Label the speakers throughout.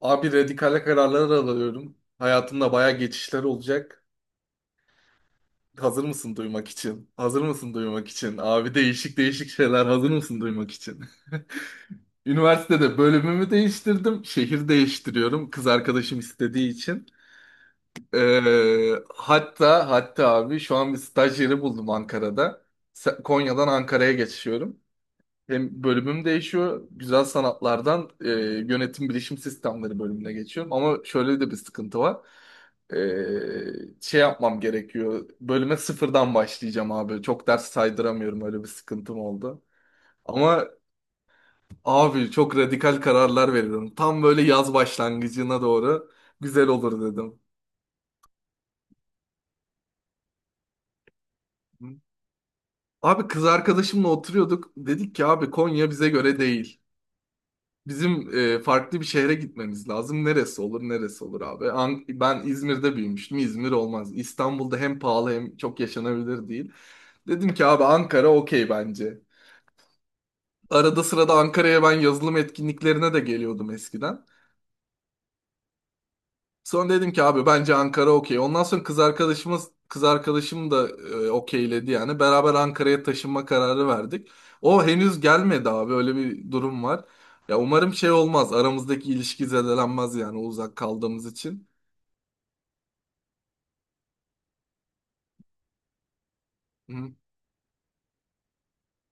Speaker 1: Abi radikale kararlar alıyorum. Hayatımda baya geçişler olacak. Hazır mısın duymak için? Hazır mısın duymak için? Abi değişik değişik şeyler hazır mısın duymak için? Üniversitede bölümümü değiştirdim. Şehir değiştiriyorum. Kız arkadaşım istediği için. Hatta abi şu an bir staj yeri buldum Ankara'da. Konya'dan Ankara'ya geçiyorum. Hem bölümüm değişiyor. Güzel sanatlardan yönetim bilişim sistemleri bölümüne geçiyorum. Ama şöyle de bir sıkıntı var. Şey yapmam gerekiyor. Bölüme sıfırdan başlayacağım abi. Çok ders saydıramıyorum. Öyle bir sıkıntım oldu. Ama abi çok radikal kararlar veriyorum. Tam böyle yaz başlangıcına doğru güzel olur dedim. Abi kız arkadaşımla oturuyorduk. Dedik ki abi Konya bize göre değil. Bizim farklı bir şehre gitmemiz lazım. Neresi olur, neresi olur abi? Ben İzmir'de büyümüştüm. İzmir olmaz. İstanbul'da hem pahalı hem çok yaşanabilir değil. Dedim ki abi Ankara okey bence. Arada sırada Ankara'ya ben yazılım etkinliklerine de geliyordum eskiden. Sonra dedim ki abi bence Ankara okey. Ondan sonra kız arkadaşım da okeyledi yani. Beraber Ankara'ya taşınma kararı verdik. O henüz gelmedi abi öyle bir durum var. Ya umarım şey olmaz. Aramızdaki ilişki zedelenmez yani uzak kaldığımız için. Hı.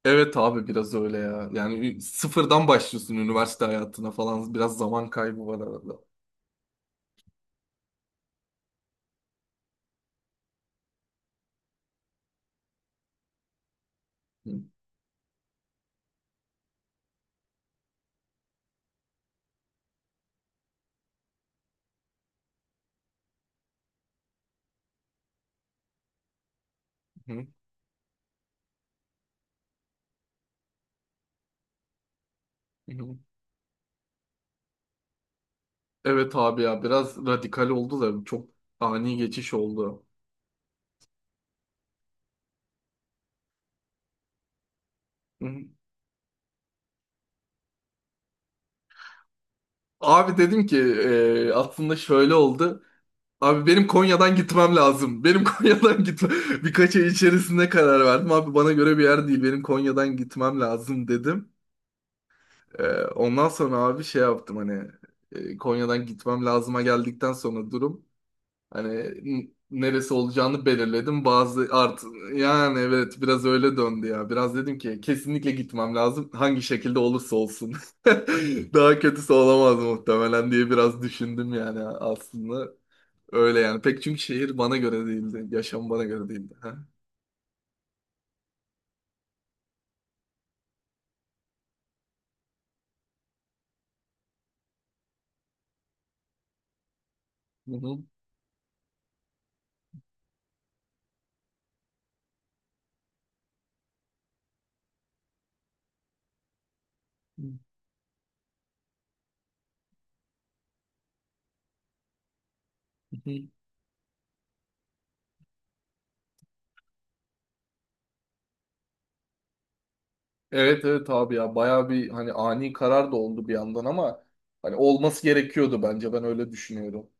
Speaker 1: Evet abi biraz öyle ya. Yani sıfırdan başlıyorsun üniversite hayatına falan. Biraz zaman kaybı var arada. Hı hı hı. Evet abi ya biraz radikal oldu da çok ani geçiş oldu. Hı hı. Abi dedim ki aslında şöyle oldu. Abi benim Konya'dan gitmem lazım. Benim Konya'dan gitme. Birkaç ay içerisinde karar verdim. Abi bana göre bir yer değil. Benim Konya'dan gitmem lazım dedim. E, Ondan sonra abi şey yaptım hani Konya'dan gitmem lazıma geldikten sonra durum. Hani neresi olacağını belirledim. Bazı art yani evet biraz öyle döndü ya. Biraz dedim ki kesinlikle gitmem lazım. Hangi şekilde olursa olsun. Daha kötüsü olamaz muhtemelen diye biraz düşündüm yani aslında. Öyle yani. Pek çünkü şehir bana göre değildi. Yaşam bana göre değildi. Ha? Hı hı. Evet evet abi ya bayağı bir hani ani karar da oldu bir yandan ama hani olması gerekiyordu bence ben öyle düşünüyorum.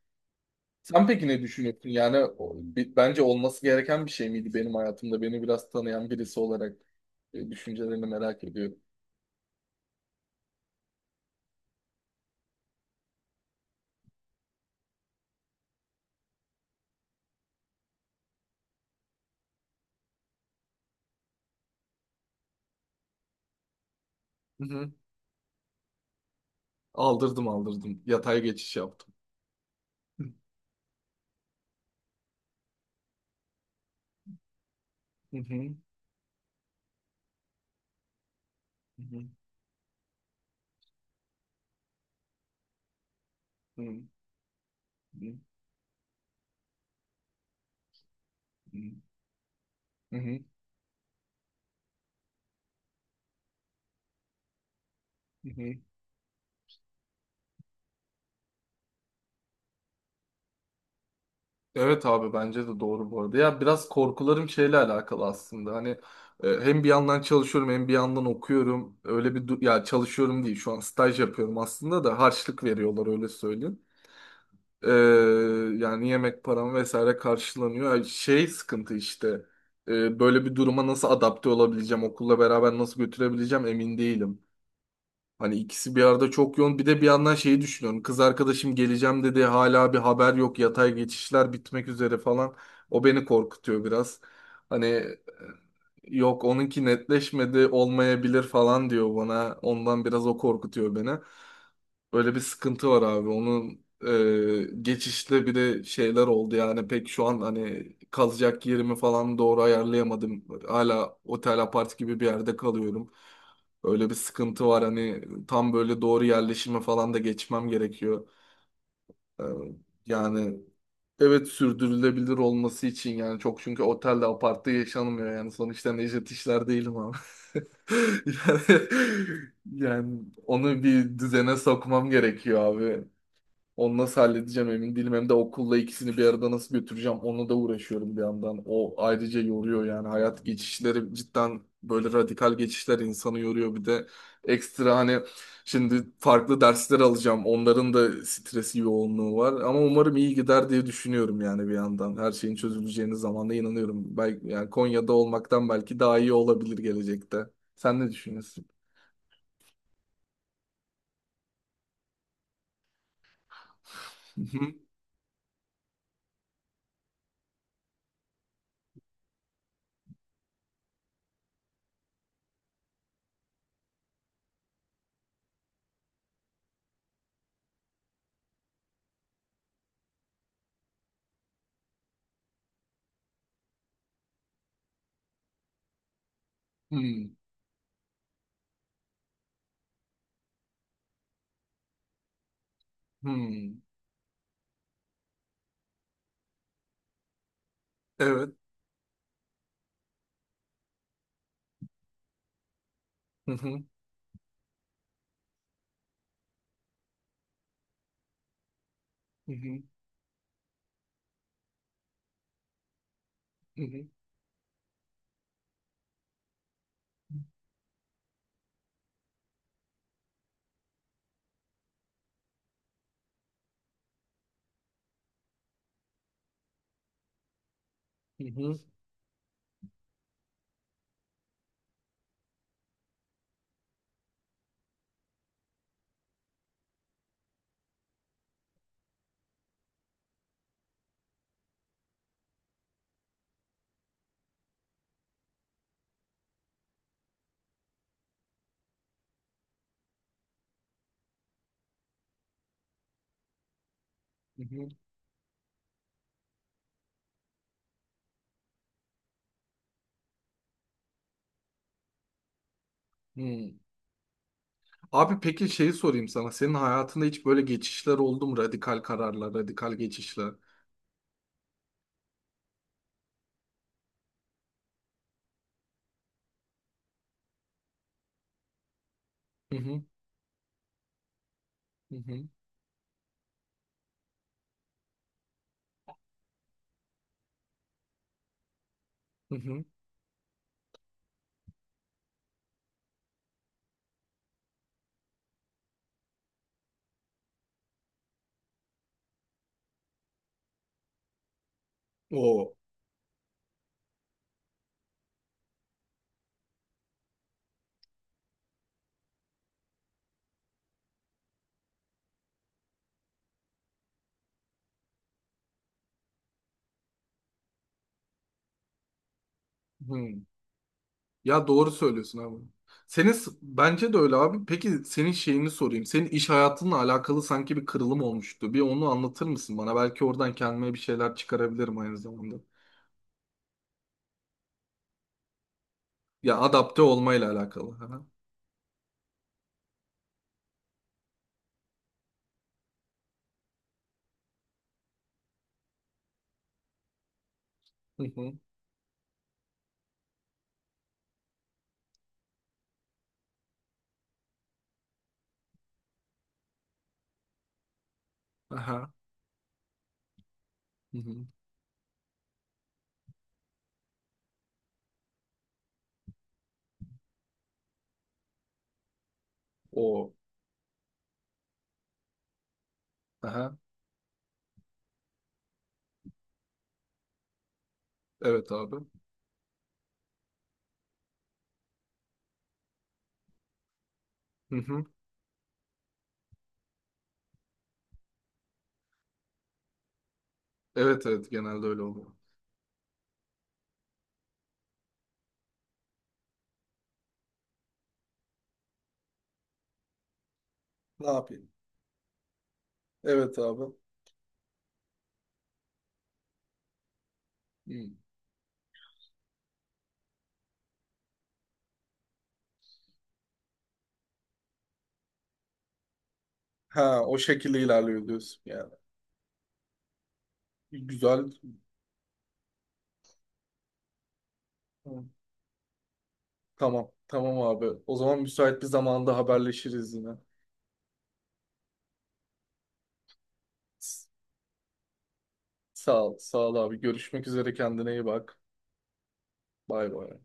Speaker 1: Sen peki ne düşünüyorsun? Yani bence olması gereken bir şey miydi benim hayatımda? Beni biraz tanıyan birisi olarak düşüncelerini merak ediyorum. Hı hı. Aldırdım, aldırdım. Yatay geçiş yaptım. Hı hı, hı hı, hı hı, hı hı, hı hı. Evet abi bence de doğru bu arada. Ya biraz korkularım şeyle alakalı aslında. Hani hem bir yandan çalışıyorum hem bir yandan okuyorum. Öyle bir ya çalışıyorum değil şu an staj yapıyorum aslında da harçlık veriyorlar öyle söyleyeyim. Ee, Yani yemek param vesaire karşılanıyor. Yani şey sıkıntı işte. Böyle bir duruma nasıl adapte olabileceğim, okulla beraber nasıl götürebileceğim emin değilim. Hani ikisi bir arada çok yoğun. Bir de bir yandan şeyi düşünüyorum. Kız arkadaşım geleceğim dedi. Hala bir haber yok. Yatay geçişler bitmek üzere falan. O beni korkutuyor biraz. Hani yok onunki netleşmedi olmayabilir falan diyor bana. Ondan biraz o korkutuyor beni. Öyle bir sıkıntı var abi. Onun geçişte bir de şeyler oldu yani pek şu an hani kalacak yerimi falan doğru ayarlayamadım. Hala otel apart gibi bir yerde kalıyorum. Öyle bir sıkıntı var hani tam böyle doğru yerleşime falan da geçmem gerekiyor. E, Yani evet sürdürülebilir olması için yani çok çünkü otelde apartta yaşanmıyor yani sonuçta Necdet işler değilim ama. Yani, yani, onu bir düzene sokmam gerekiyor abi. Onu nasıl halledeceğim emin değilim. Hem de okulla ikisini bir arada nasıl götüreceğim onu da uğraşıyorum bir yandan. O ayrıca yoruyor yani. Hayat geçişleri cidden böyle radikal geçişler insanı yoruyor. Bir de ekstra hani şimdi farklı dersler alacağım. Onların da stresi yoğunluğu var. Ama umarım iyi gider diye düşünüyorum yani bir yandan. Her şeyin çözüleceğine zamanla inanıyorum. Belki, yani Konya'da olmaktan belki daha iyi olabilir gelecekte. Sen ne düşünüyorsun? Hmm, hmm. Evet. Hı hı, hı hı, hı hı. Hı hı, hı hı, hı. Abi peki şeyi sorayım sana. Senin hayatında hiç böyle geçişler oldu mu? Radikal kararlar, radikal geçişler. Hı hı, hı hı, hı hı. O. Hı. Ya doğru söylüyorsun abi. Senin bence de öyle abi. Peki senin şeyini sorayım. Senin iş hayatınla alakalı sanki bir kırılım olmuştu. Bir onu anlatır mısın bana? Belki oradan kendime bir şeyler çıkarabilirim aynı zamanda. Ya adapte olmayla alakalı. Aha. Hı hı. Aha. Hı hı. O. Aha. Evet abi. Hı hı. Evet evet genelde öyle oluyor. Ne yapayım? Evet abi. Hmm. Ha o şekilde ilerliyor diyorsun yani. Güzel. Hı. Tamam. Tamam abi. O zaman müsait bir zamanda haberleşiriz yine. S- Sağ ol. Sağ ol abi. Görüşmek üzere. Kendine iyi bak. Bay bay.